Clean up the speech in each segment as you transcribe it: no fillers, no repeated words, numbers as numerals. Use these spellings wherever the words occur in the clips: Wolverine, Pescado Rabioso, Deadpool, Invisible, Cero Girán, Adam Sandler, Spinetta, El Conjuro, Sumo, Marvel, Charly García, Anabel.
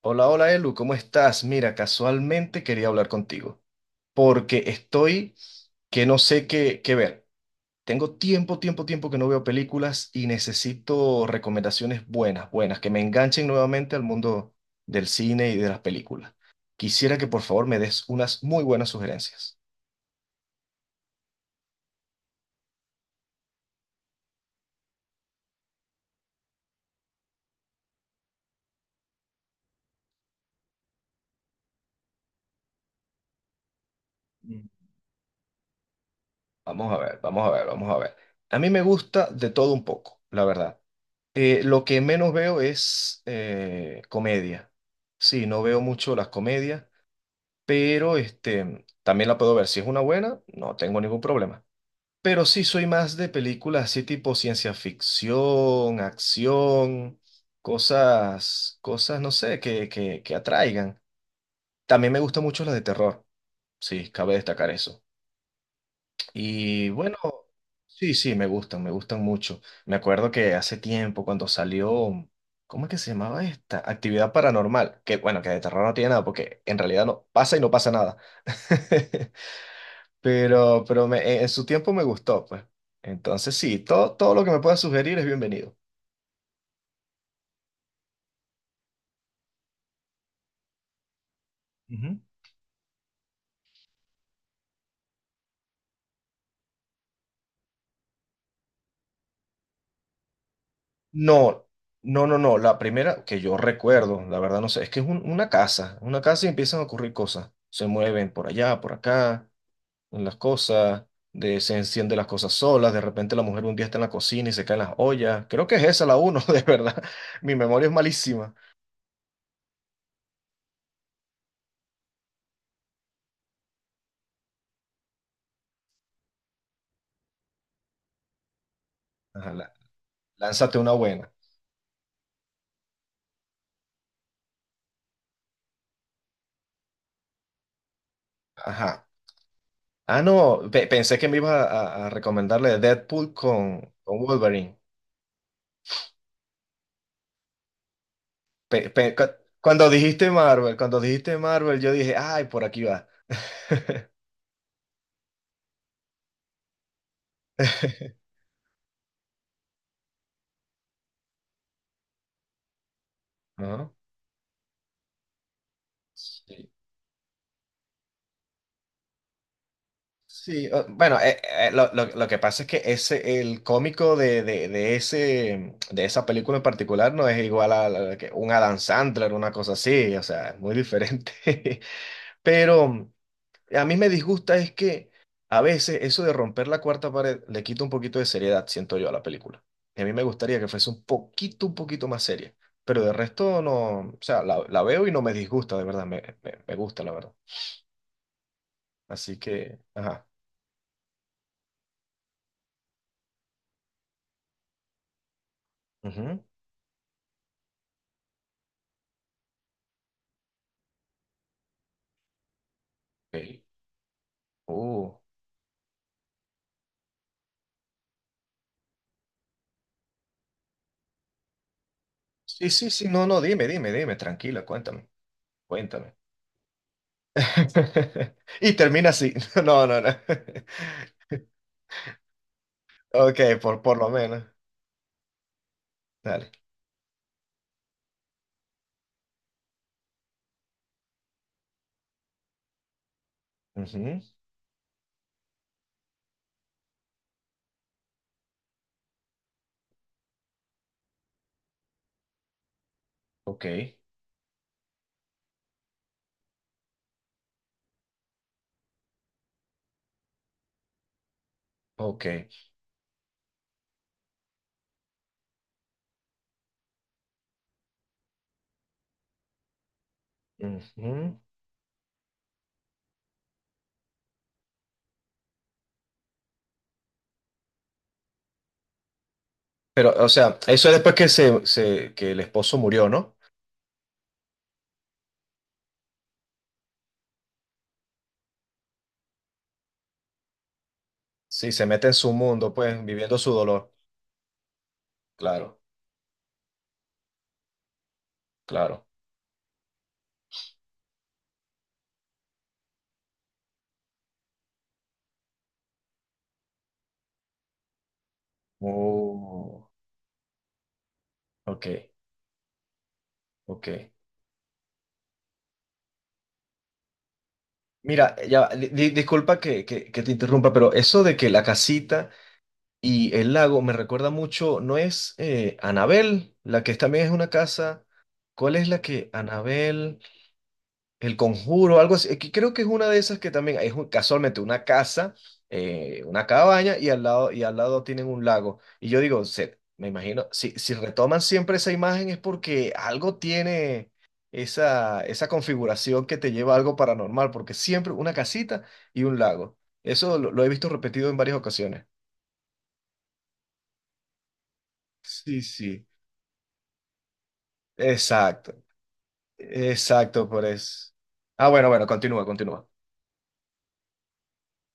Hola, hola Elu, ¿cómo estás? Mira, casualmente quería hablar contigo porque estoy que no sé qué, qué ver. Tengo tiempo, tiempo, tiempo que no veo películas y necesito recomendaciones buenas, buenas, que me enganchen nuevamente al mundo del cine y de las películas. Quisiera que por favor me des unas muy buenas sugerencias. Mm. Vamos a ver, vamos a ver, vamos a ver. A mí me gusta de todo un poco, la verdad. Lo que menos veo es comedia. Sí, no veo mucho las comedias. Pero también la puedo ver. Si es una buena, no tengo ningún problema. Pero sí soy más de películas así tipo ciencia ficción, acción, cosas, cosas, no sé, que atraigan. También me gustan mucho las de terror, sí, cabe destacar eso. Y bueno, sí, sí, me gustan mucho. Me acuerdo que hace tiempo cuando salió, ¿cómo es que se llamaba esta? Actividad paranormal, que bueno, que de terror no tiene nada, porque en realidad no pasa y no pasa nada. Pero, en su tiempo me gustó, pues. Entonces sí, todo, todo lo que me puedas sugerir es bienvenido. Ujú. No, no, no, no. La primera que yo recuerdo, la verdad no sé, es que es una casa y empiezan a ocurrir cosas. Se mueven por allá, por acá, en las cosas, de, se encienden las cosas solas, de repente la mujer un día está en la cocina y se caen las ollas. Creo que es esa la uno, de verdad. Mi memoria es malísima. Ajá, la- Lánzate una buena. Ajá. Ah, no, pensé que me ibas a recomendarle Deadpool con Wolverine. Pe- pe- cu- Cuando dijiste Marvel, cuando dijiste Marvel, yo dije, ay, por aquí va. Ajá. Sí, sí, bueno, lo, lo que pasa es que ese, el cómico de ese, de esa película en particular no es igual a, que un Adam Sandler, una cosa así, o sea, es muy diferente. Pero. A mí me disgusta es que a veces eso de romper la cuarta pared le quita un poquito de seriedad, siento yo, a la película. Y a mí me gustaría que fuese un poquito más seria. Pero de resto no, o sea, la veo y no me disgusta, de verdad, me gusta, la verdad. Así que, ajá. Ujú. Ok. Uh. Sí, sí, sí, no, no, dime, dime, dime, tranquila, cuéntame, cuéntame. Y termina así. No, no, no. Ok, por lo menos. Dale. Ujú. Ok, ok. Ujú. Pero, o sea, eso es después que, que el esposo murió, ¿no? Sí, se mete en su mundo, pues, viviendo su dolor. Claro, claro. Oh, ok, ok. Mira, ya, disculpa que, que te interrumpa, pero eso de que la casita y el lago me recuerda mucho, ¿no es Anabel, la que también es una casa? ¿Cuál es la que Anabel? El Conjuro, algo así. Que creo que es una de esas que también es casualmente una casa, una cabaña y al lado tienen un lago. Y yo digo, me imagino, si, si retoman siempre esa imagen es porque algo tiene esa, esa configuración que te lleva a algo paranormal, porque siempre una casita y un lago. Eso lo he visto repetido en varias ocasiones. Sí, sí. Exacto, exacto, por eso. Ah, bueno, bueno, continúa, continúa.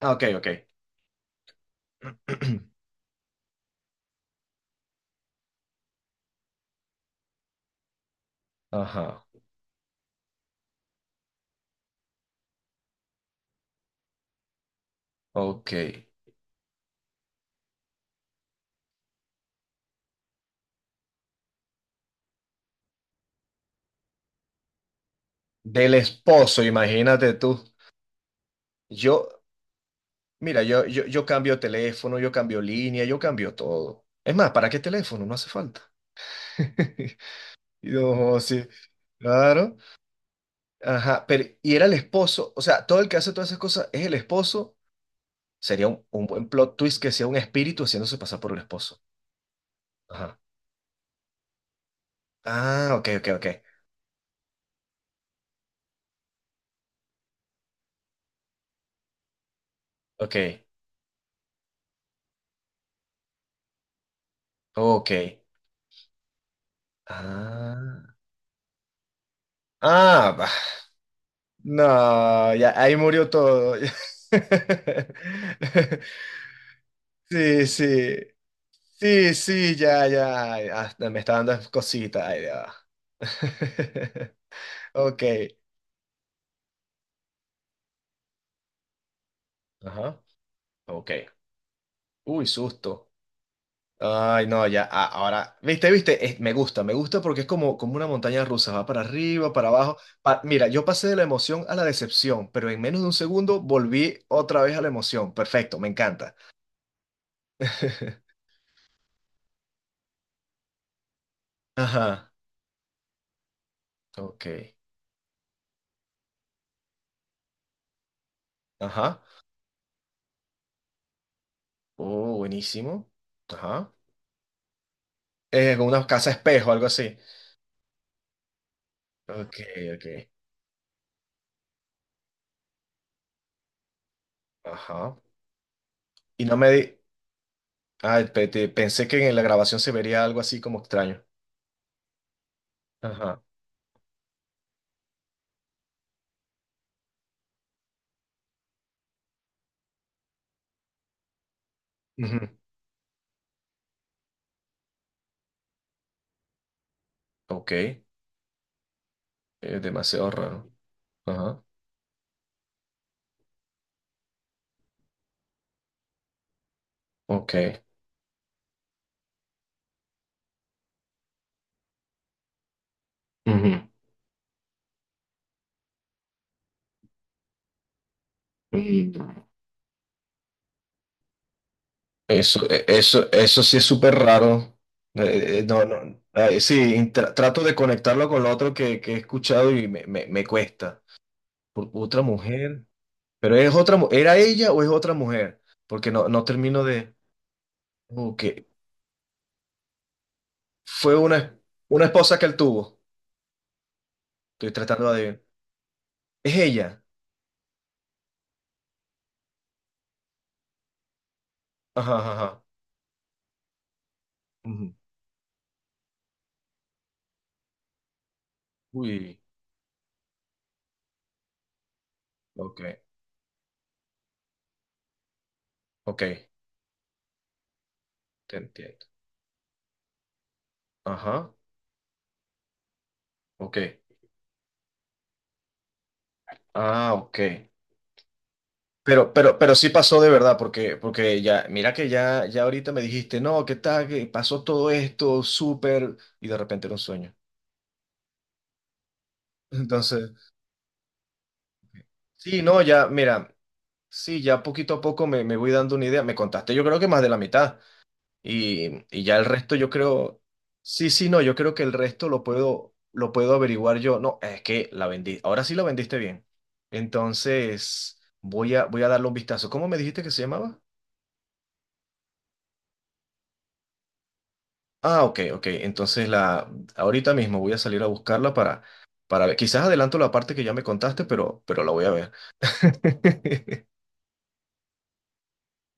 Ah, ok, ok. Ajá, ok. Del esposo, imagínate tú. Yo, mira, yo cambio teléfono, yo cambio línea, yo cambio todo. Es más, ¿para qué teléfono? No hace falta. Y no, sí, claro. Ajá, pero y era el esposo, o sea, todo el que hace todas esas cosas es el esposo. Sería un buen plot twist que sea un espíritu haciéndose pasar por el esposo. Ajá. Ah, ok, ok, ok. Ok, ok. Ah, ah, bah. No, ya ahí murió todo. Ya. Sí, sí, sí, sí, ya, ya, ay, hasta me está dando cositas, ay, ya va. Ok, ajá, ok. Uy, susto. Ay, no, ya, ahora, viste, viste, me gusta porque es como, como una montaña rusa, va para arriba, para abajo. Mira, yo pasé de la emoción a la decepción, pero en menos de un segundo volví otra vez a la emoción. Perfecto, me encanta. Ajá, ok, ajá. Oh, buenísimo. Ajá. Con una casa espejo, algo así. Ok, ok. Ajá. Y no me di... Ah, pensé que en la grabación se vería algo así como extraño. Ajá. Ujú. Ok. Es demasiado raro. Ajá. Ok. Ujú. Mm. Eso, eso, eso sí es súper raro. No, no. Ah, sí, trato de conectarlo con lo otro que he escuchado y me cuesta. Otra mujer. Pero es otra, ¿era ella o es otra mujer? Porque no, no termino de. Ok. Fue una esposa que él tuvo. Estoy tratando de adivinar. Es ella. Ajá, ajá, ajá. Ujú. Uy, ok, ok, te entiendo. Ajá, ok. Ah, ok. Pero sí pasó de verdad, porque, porque ya, mira que ya, ya ahorita me dijiste, no, ¿qué tal? Que pasó todo esto, súper, y de repente era un sueño. Entonces, sí, no, ya, mira, sí, ya poquito a poco me, me voy dando una idea. Me contaste, yo creo que más de la mitad. Y ya el resto yo creo, sí, sí, no, yo creo que el resto lo puedo averiguar yo. No, es que la vendí, ahora sí la vendiste bien. Entonces, voy a, voy a darle un vistazo. ¿Cómo me dijiste que se llamaba? Ah, ok, ok. Entonces, la, ahorita mismo voy a salir a buscarla para ver. Quizás adelanto la parte que ya me contaste, pero la voy a ver.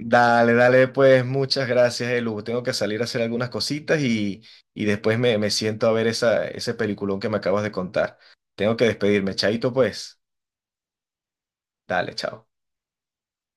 Dale, dale, pues muchas gracias, Elu. Tengo que salir a hacer algunas cositas y después me, me siento a ver esa, ese peliculón que me acabas de contar. Tengo que despedirme, chaito, pues. Dale, chao.